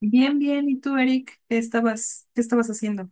Bien, bien. ¿Y tú, Eric? ¿Qué estabas haciendo?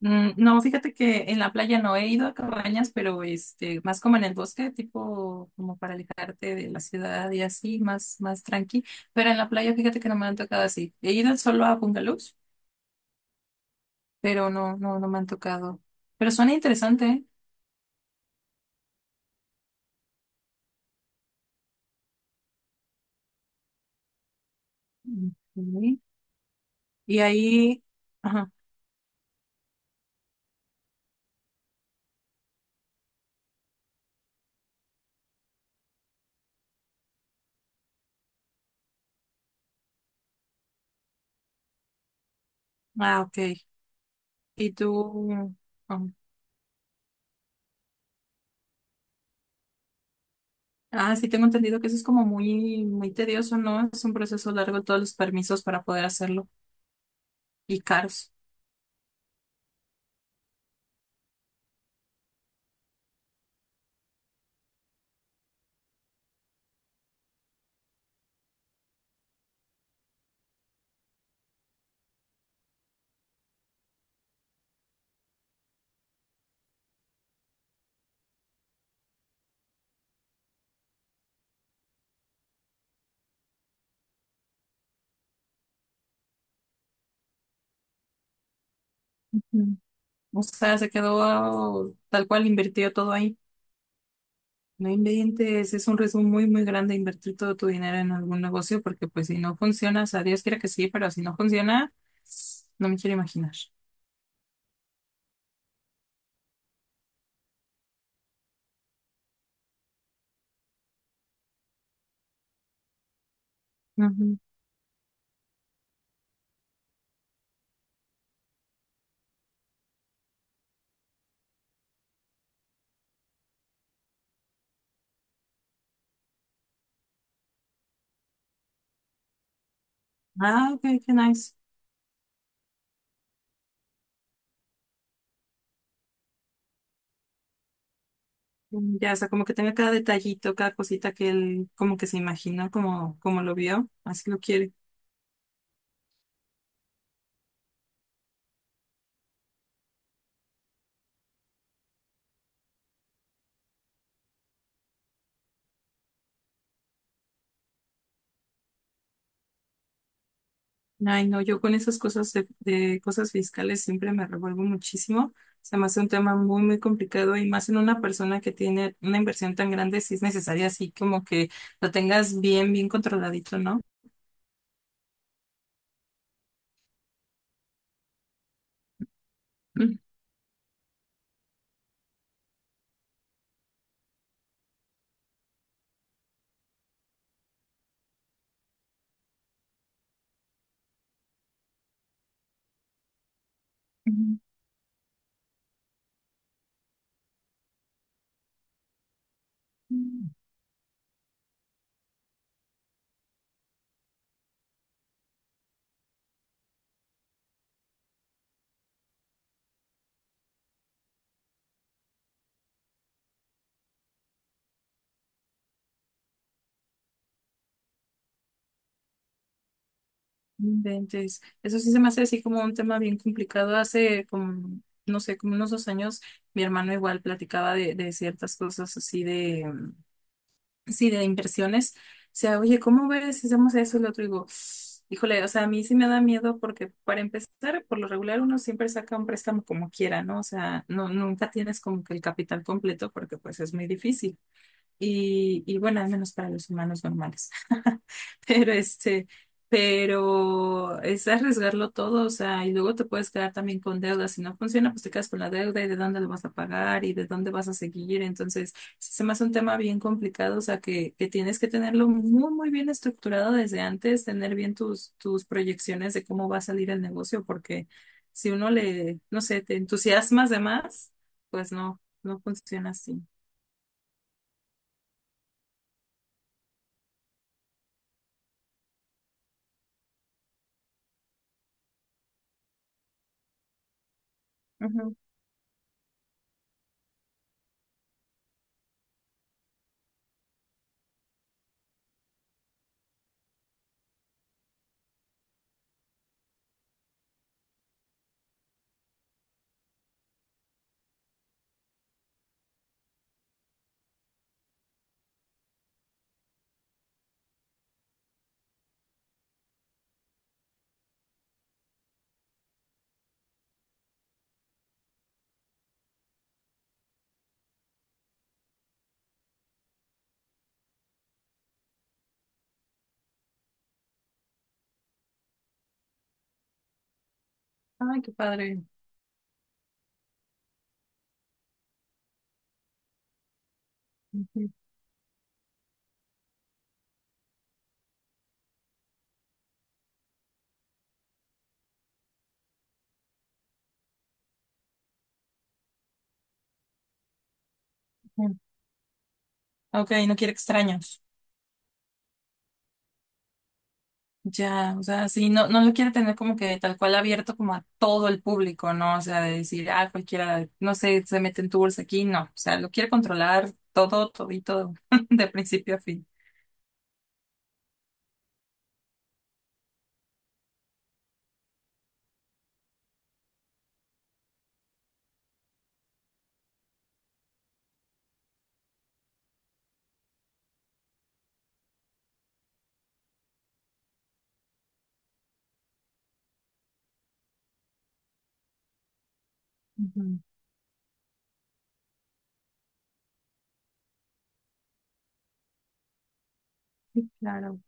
Mm, no, fíjate que en la playa no he ido a cabañas, pero este, más como en el bosque, tipo como para alejarte de la ciudad y así, más tranqui. Pero en la playa, fíjate que no me han tocado así. He ido solo a bungalows, pero no, no, no me han tocado. Pero suena interesante, ¿eh? Mm, ok. Y ahí, ajá. Ah, ok. ¿Y tú? Ah. Ah, sí, tengo entendido que eso es como muy, muy tedioso, ¿no? Es un proceso largo todos los permisos para poder hacerlo y caros. Ujú. O sea, se quedó tal cual, invirtió todo ahí. No inventes, es un riesgo muy, muy grande invertir todo tu dinero en algún negocio porque pues si no funciona, o sea, Dios quiera que sí, pero si no funciona, no me quiero imaginar. Ujú. Ah, ok, qué nice. Mm, ya, o sea, como que tenga cada detallito, cada cosita que él como que se imaginó, como lo vio, así lo quiere. Ay, no, yo con esas cosas de, cosas fiscales siempre me revuelvo muchísimo. Se me hace un tema muy, muy complicado y más en una persona que tiene una inversión tan grande, si es necesaria así como que lo tengas bien, bien controladito, ¿no? Mm. No inventes. Eso sí se me hace así como un tema bien complicado. Hace como, no sé, como unos 2 años, mi hermano igual platicaba de ciertas cosas así de, sí, de inversiones, o sea, oye, ¿cómo ves si hacemos eso y lo otro? Y digo, híjole, o sea, a mí sí me da miedo porque para empezar, por lo regular uno siempre saca un préstamo como quiera, ¿no? O sea, no, nunca tienes como que el capital completo porque pues es muy difícil y bueno, al menos para los humanos normales. Pero este, pero es arriesgarlo todo, o sea, y luego te puedes quedar también con deudas. Si no funciona, pues te quedas con la deuda y de dónde lo vas a pagar y de dónde vas a seguir. Entonces, sí se me hace un tema bien complicado, o sea, que tienes que tenerlo muy, muy bien estructurado desde antes, tener bien tus proyecciones de cómo va a salir el negocio, porque si uno le, no sé, te entusiasmas de más, pues no, no funciona así. Ay, qué padre. Ujú. Ok, no quiere extraños. Ya, o sea, sí, no, no lo quiere tener como que tal cual abierto como a todo el público, ¿no? O sea, de decir, ah, cualquiera, no sé, se meten tours aquí, no. O sea, lo quiere controlar todo, todito, de principio a fin. Ujú. Sí, claro,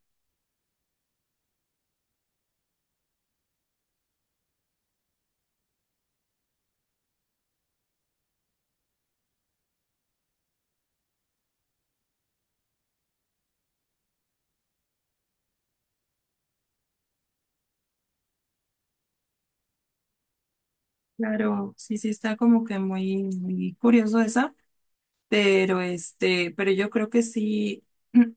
claro. Sí, sí, está como que muy, muy curioso eso. Pero yo creo que sí,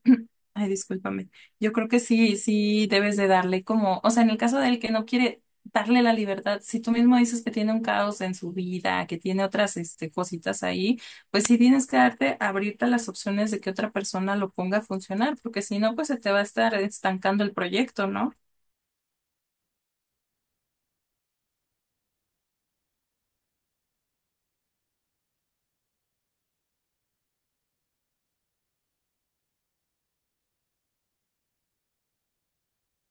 ay, discúlpame, yo creo que sí, sí debes de darle como, o sea, en el caso del que no quiere darle la libertad, si tú mismo dices que tiene un caos en su vida, que tiene otras cositas ahí, pues sí tienes que darte, abrirte a las opciones de que otra persona lo ponga a funcionar, porque si no, pues se te va a estar estancando el proyecto, ¿no?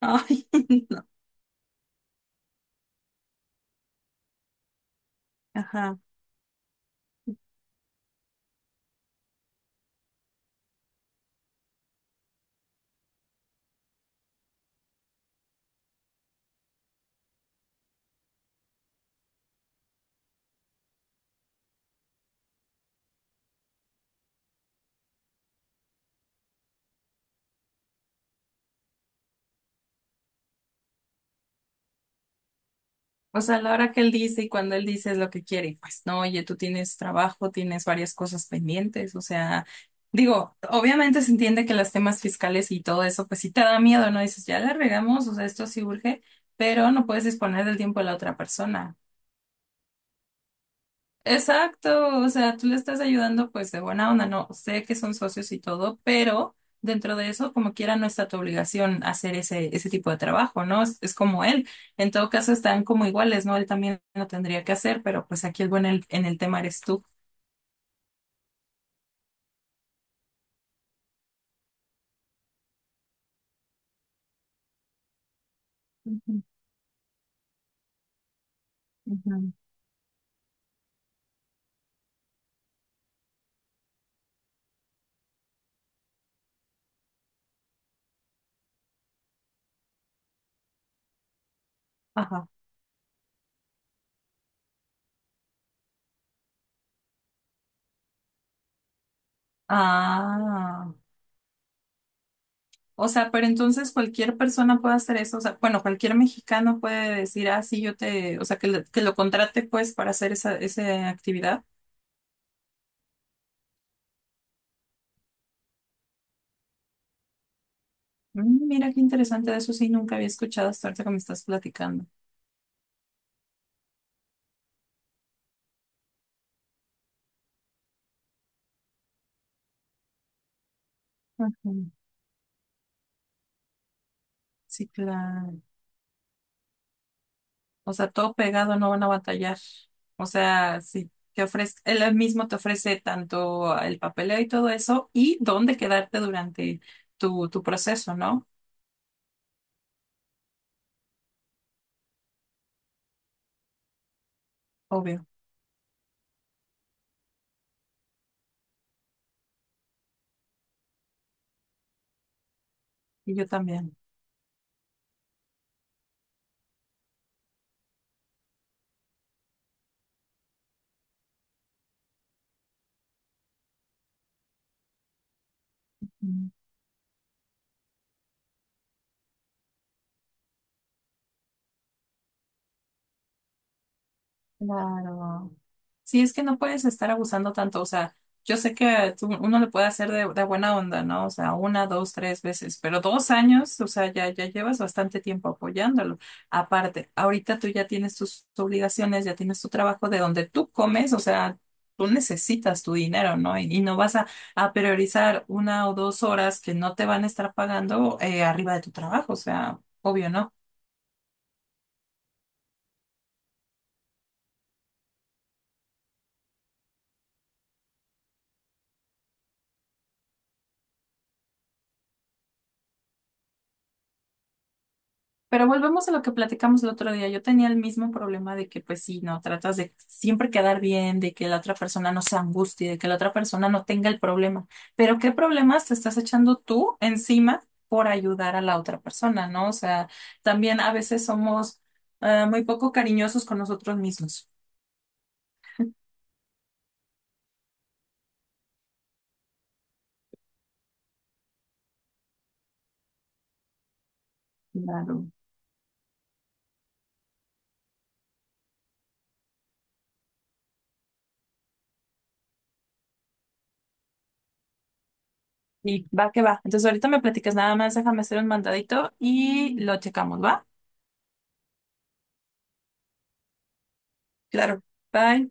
Ay, no. Ajá. O sea, la hora que él dice y cuando él dice es lo que quiere, y pues no, oye, tú tienes trabajo, tienes varias cosas pendientes, o sea, digo, obviamente se entiende que los temas fiscales y todo eso, pues sí te da miedo, ¿no? Dices, ya la regamos, o sea, esto sí urge, pero no puedes disponer del tiempo de la otra persona. Exacto, o sea, tú le estás ayudando pues de buena onda, no sé que son socios y todo, pero dentro de eso, como quiera, no está tu obligación hacer ese tipo de trabajo, ¿no? Es como él, en todo caso están como iguales, ¿no? Él también lo tendría que hacer, pero pues aquí el bueno en el tema eres tú. Ujú, ujú. Ajá. Ah, o sea, pero entonces cualquier persona puede hacer eso, o sea, bueno, cualquier mexicano puede decir, ah, sí, yo te, o sea, que lo contrate pues para hacer esa actividad. Mira qué interesante, de eso sí nunca había escuchado hasta ahorita que me estás platicando. Ujú. Sí, claro. O sea, todo pegado, no van a batallar. O sea, sí, te ofrece, él mismo te ofrece tanto el papeleo y todo eso, y dónde quedarte durante tu proceso, ¿no? Obvio. Y yo también. Mm, claro. Sí, es que no puedes estar abusando tanto, o sea, yo sé que uno le puede hacer de, buena onda, ¿no? O sea, 1, 2, 3 veces, pero 2 años, o sea, ya, ya llevas bastante tiempo apoyándolo. Aparte, ahorita tú ya tienes tus obligaciones, ya tienes tu trabajo de donde tú comes, o sea, tú necesitas tu dinero, ¿no? Y no vas a priorizar 1 o 2 horas que no te van a estar pagando arriba de tu trabajo, o sea, obvio, ¿no? Pero volvemos a lo que platicamos el otro día. Yo tenía el mismo problema de que, pues sí, no, tratas de siempre quedar bien, de que la otra persona no se angustie, de que la otra persona no tenga el problema. Pero ¿qué problemas te estás echando tú encima por ayudar a la otra persona? ¿No? O sea, también a veces somos muy poco cariñosos con nosotros mismos. Claro. Y va que va. Entonces ahorita me platicas nada más, déjame hacer un mandadito y lo checamos, ¿va? Claro. Bye.